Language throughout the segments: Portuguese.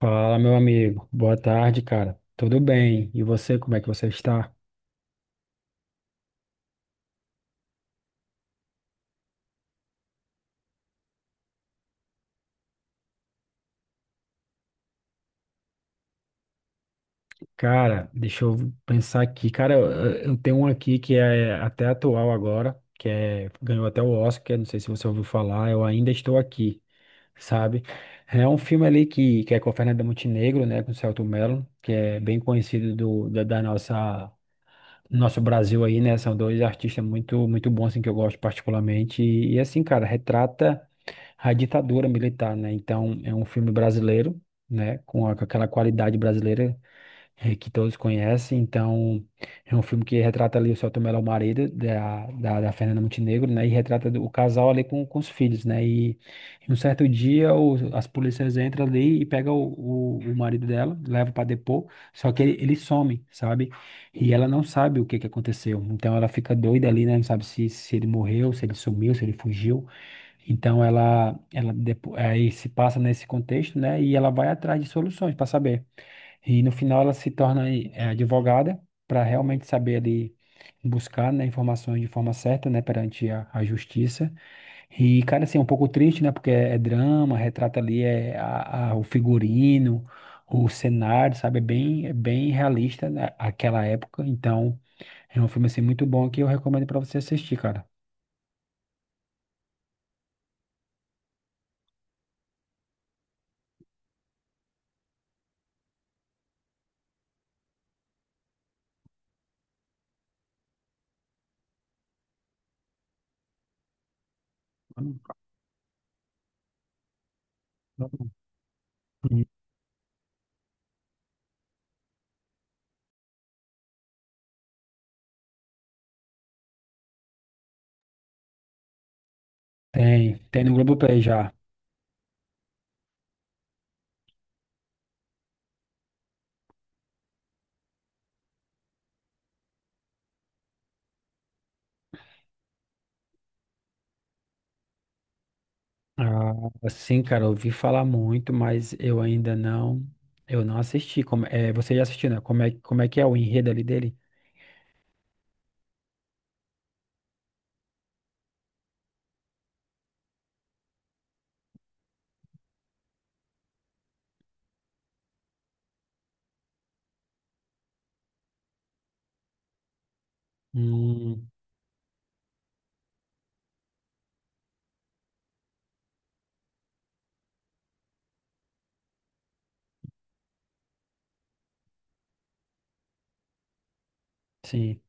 Fala, meu amigo. Boa tarde, cara. Tudo bem? E você, como é que você está? Cara, deixa eu pensar aqui. Cara, eu tenho um aqui que é até atual agora, ganhou até o Oscar, não sei se você ouviu falar, Eu Ainda Estou Aqui, sabe? É um filme ali que é com a Fernanda Montenegro, né, com o Selton Mello, que é bem conhecido da nossa... Nosso Brasil aí, né? São dois artistas muito, muito bons, assim, que eu gosto particularmente. E assim, cara, retrata a ditadura militar, né? Então, é um filme brasileiro, né? Com aquela qualidade brasileira que todos conhecem. Então, é um filme que retrata ali o Selton Mello, o marido da Fernanda Montenegro, né? E retrata o casal ali com os filhos, né? E um certo dia as polícias entram ali e pegam o marido dela, leva para depor, só que ele, some, sabe? E ela não sabe o que que aconteceu. Então, ela fica doida ali, né? Não sabe se ele morreu, se ele sumiu, se ele fugiu. Então aí se passa nesse contexto, né? E ela vai atrás de soluções para saber. E no final ela se torna advogada para realmente saber ali buscar, né, informações de forma certa, né, perante a justiça. E cara, assim, é um pouco triste, né? Porque é drama, retrata ali o figurino, o cenário, sabe? É bem realista, né, aquela época. Então é um filme assim muito bom que eu recomendo para você assistir, cara. Hum. Tá bom. Tem no Globoplay já. Ah, sim, cara, eu ouvi falar muito, mas eu ainda não, eu não assisti. Como, você já assistiu, né? Como é que é o enredo ali dele? Hum, sim.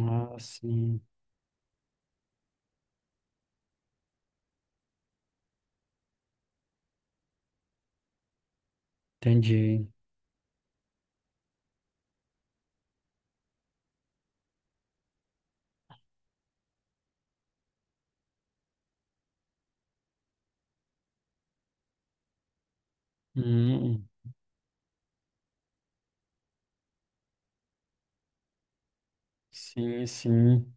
Ah, sim, entendi. Hum, sim, sim.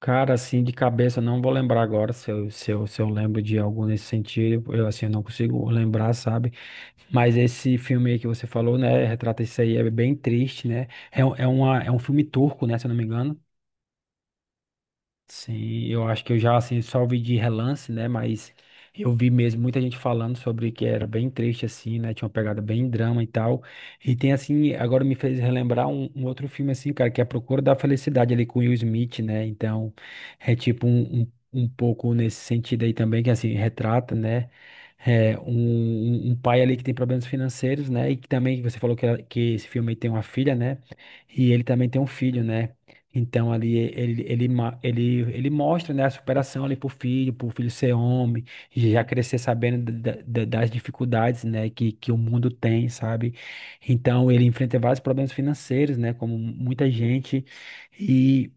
Cara, assim, de cabeça, eu não vou lembrar agora se eu, se eu lembro de algum nesse sentido. Eu, assim, não consigo lembrar, sabe? Mas esse filme aí que você falou, né? Retrata isso aí, é bem triste, né? É um filme turco, né? Se eu não me engano. Sim, eu acho que eu já assim só vi de relance, né? Mas eu vi mesmo muita gente falando sobre que era bem triste assim, né? Tinha uma pegada bem drama e tal. E tem assim, agora me fez relembrar um outro filme assim, cara, que é A Procura da Felicidade ali com Will Smith, né? Então, é tipo um pouco nesse sentido aí também que assim retrata, né? É, um, um pai ali que tem problemas financeiros, né? E que também você falou que esse filme aí tem uma filha, né? E ele também tem um filho, né? Então ali ele, ele mostra, né, a superação ali pro filho ser homem, já crescer sabendo das dificuldades, né, que o mundo tem, sabe? Então ele enfrenta vários problemas financeiros, né, como muita gente, e,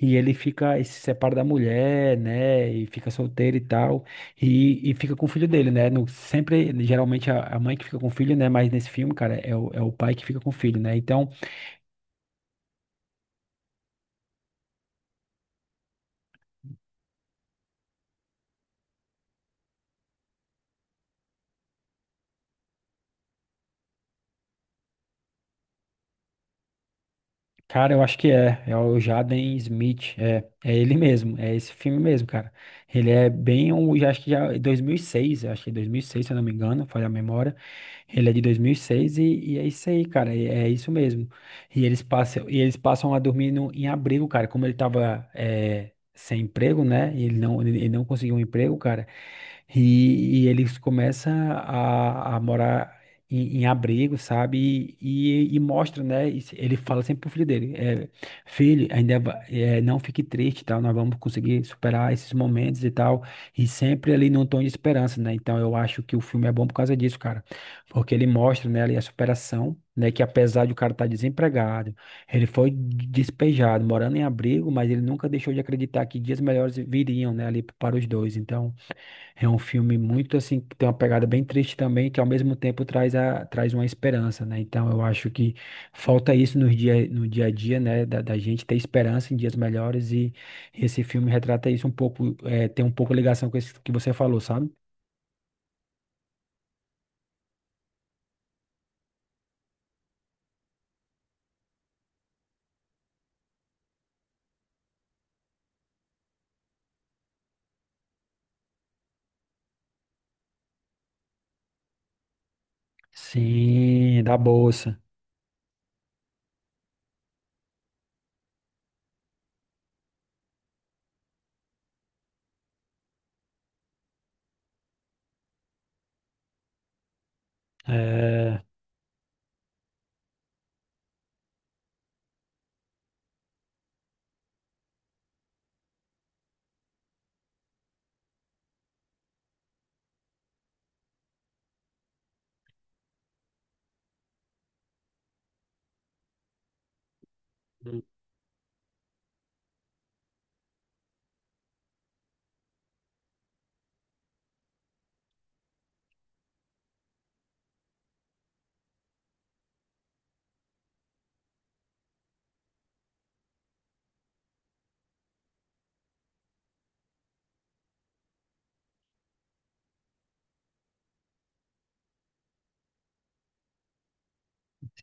e ele fica, e se separa da mulher, né, e fica solteiro e tal, e fica com o filho dele, né? No, sempre, geralmente a mãe que fica com o filho, né, mas nesse filme, cara, é o, pai que fica com o filho, né? Então cara, eu acho que é. É o Jaden Smith. É ele mesmo. É esse filme mesmo, cara. Ele é bem um. Já, acho que já é 2006. Eu Acho que é 2006, se eu não me engano. Falha a memória. Ele é de 2006 e, seis e é isso aí, cara. É isso mesmo. E eles passam a dormir no, em abrigo, cara. Como ele tava sem emprego, né? E ele não conseguiu um emprego, cara. E ele começa a morar em abrigo, sabe? E mostra, né? Ele fala sempre pro filho dele: "Filho, não fique triste, tal. Nós vamos conseguir superar esses momentos e tal." E sempre ali num tom de esperança, né? Então eu acho que o filme é bom por causa disso, cara. Porque ele mostra, né, ali a superação. Né, que apesar de o cara estar desempregado, ele foi despejado, morando em abrigo, mas ele nunca deixou de acreditar que dias melhores viriam, né, ali para os dois. Então, é um filme muito assim, que tem uma pegada bem triste também, que ao mesmo tempo traz uma esperança, né? Então eu acho que falta isso no dia, a dia, né? Da gente ter esperança em dias melhores e esse filme retrata isso um pouco, tem um pouco ligação com isso que você falou, sabe? Sim, da bolsa. É,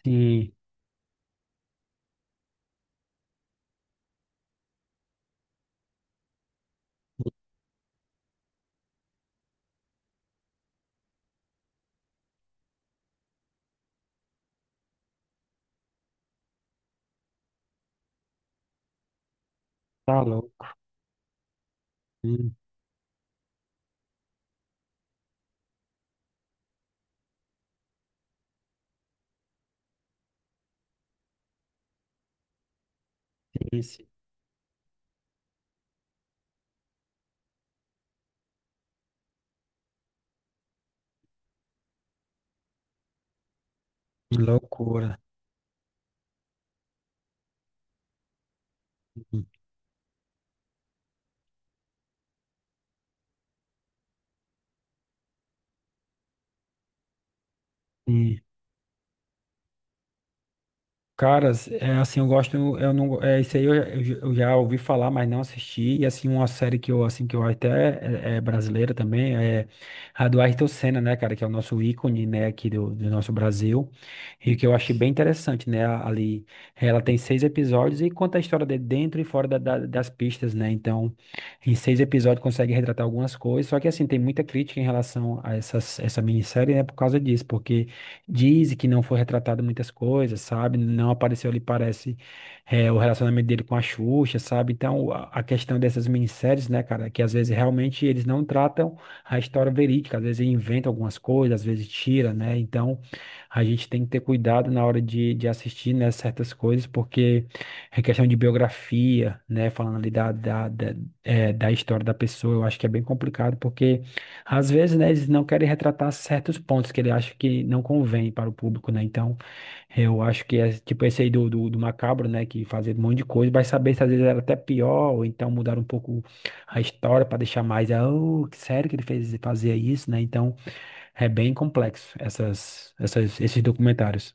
sim, tá louco. Sim, sim. Loucura. Sim. Caras, é assim, eu gosto, eu não, é isso aí eu, eu já ouvi falar, mas não assisti, e assim, uma série que eu, assim, que eu até, é brasileira também, é a do Ayrton Senna, né, cara, que é o nosso ícone, né, aqui do nosso Brasil, e que eu achei bem interessante, né, ali, ela tem seis episódios e conta a história de dentro e fora das pistas, né, então, em seis episódios consegue retratar algumas coisas, só que assim, tem muita crítica em relação a essa minissérie, né, por causa disso, porque diz que não foi retratado muitas coisas, sabe? Não apareceu ali, parece, o relacionamento dele com a Xuxa, sabe? Então, a questão dessas minisséries, né, cara, que às vezes realmente eles não tratam a história verídica, às vezes inventam algumas coisas, às vezes tira, né? Então, a gente tem que ter cuidado na hora de assistir, né, certas coisas, porque é questão de biografia, né, falando ali da história da pessoa, eu acho que é bem complicado, porque às vezes, né, eles não querem retratar certos pontos que ele acha que não convém para o público, né? Então, eu acho que é tipo esse aí do Macabro, né? Que fazia um monte de coisa, vai saber se às vezes era até pior, ou então mudar um pouco a história para deixar mais, ah, oh, que sério que ele fez fazia isso, né? Então, é bem complexo essas, esses documentários.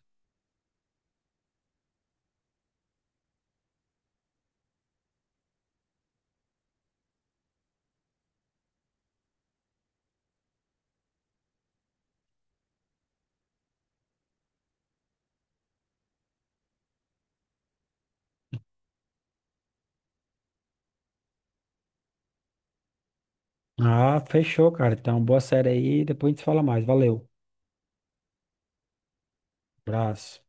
Ah, fechou, cara. Então, boa série aí, depois a gente fala mais. Valeu. Abraço.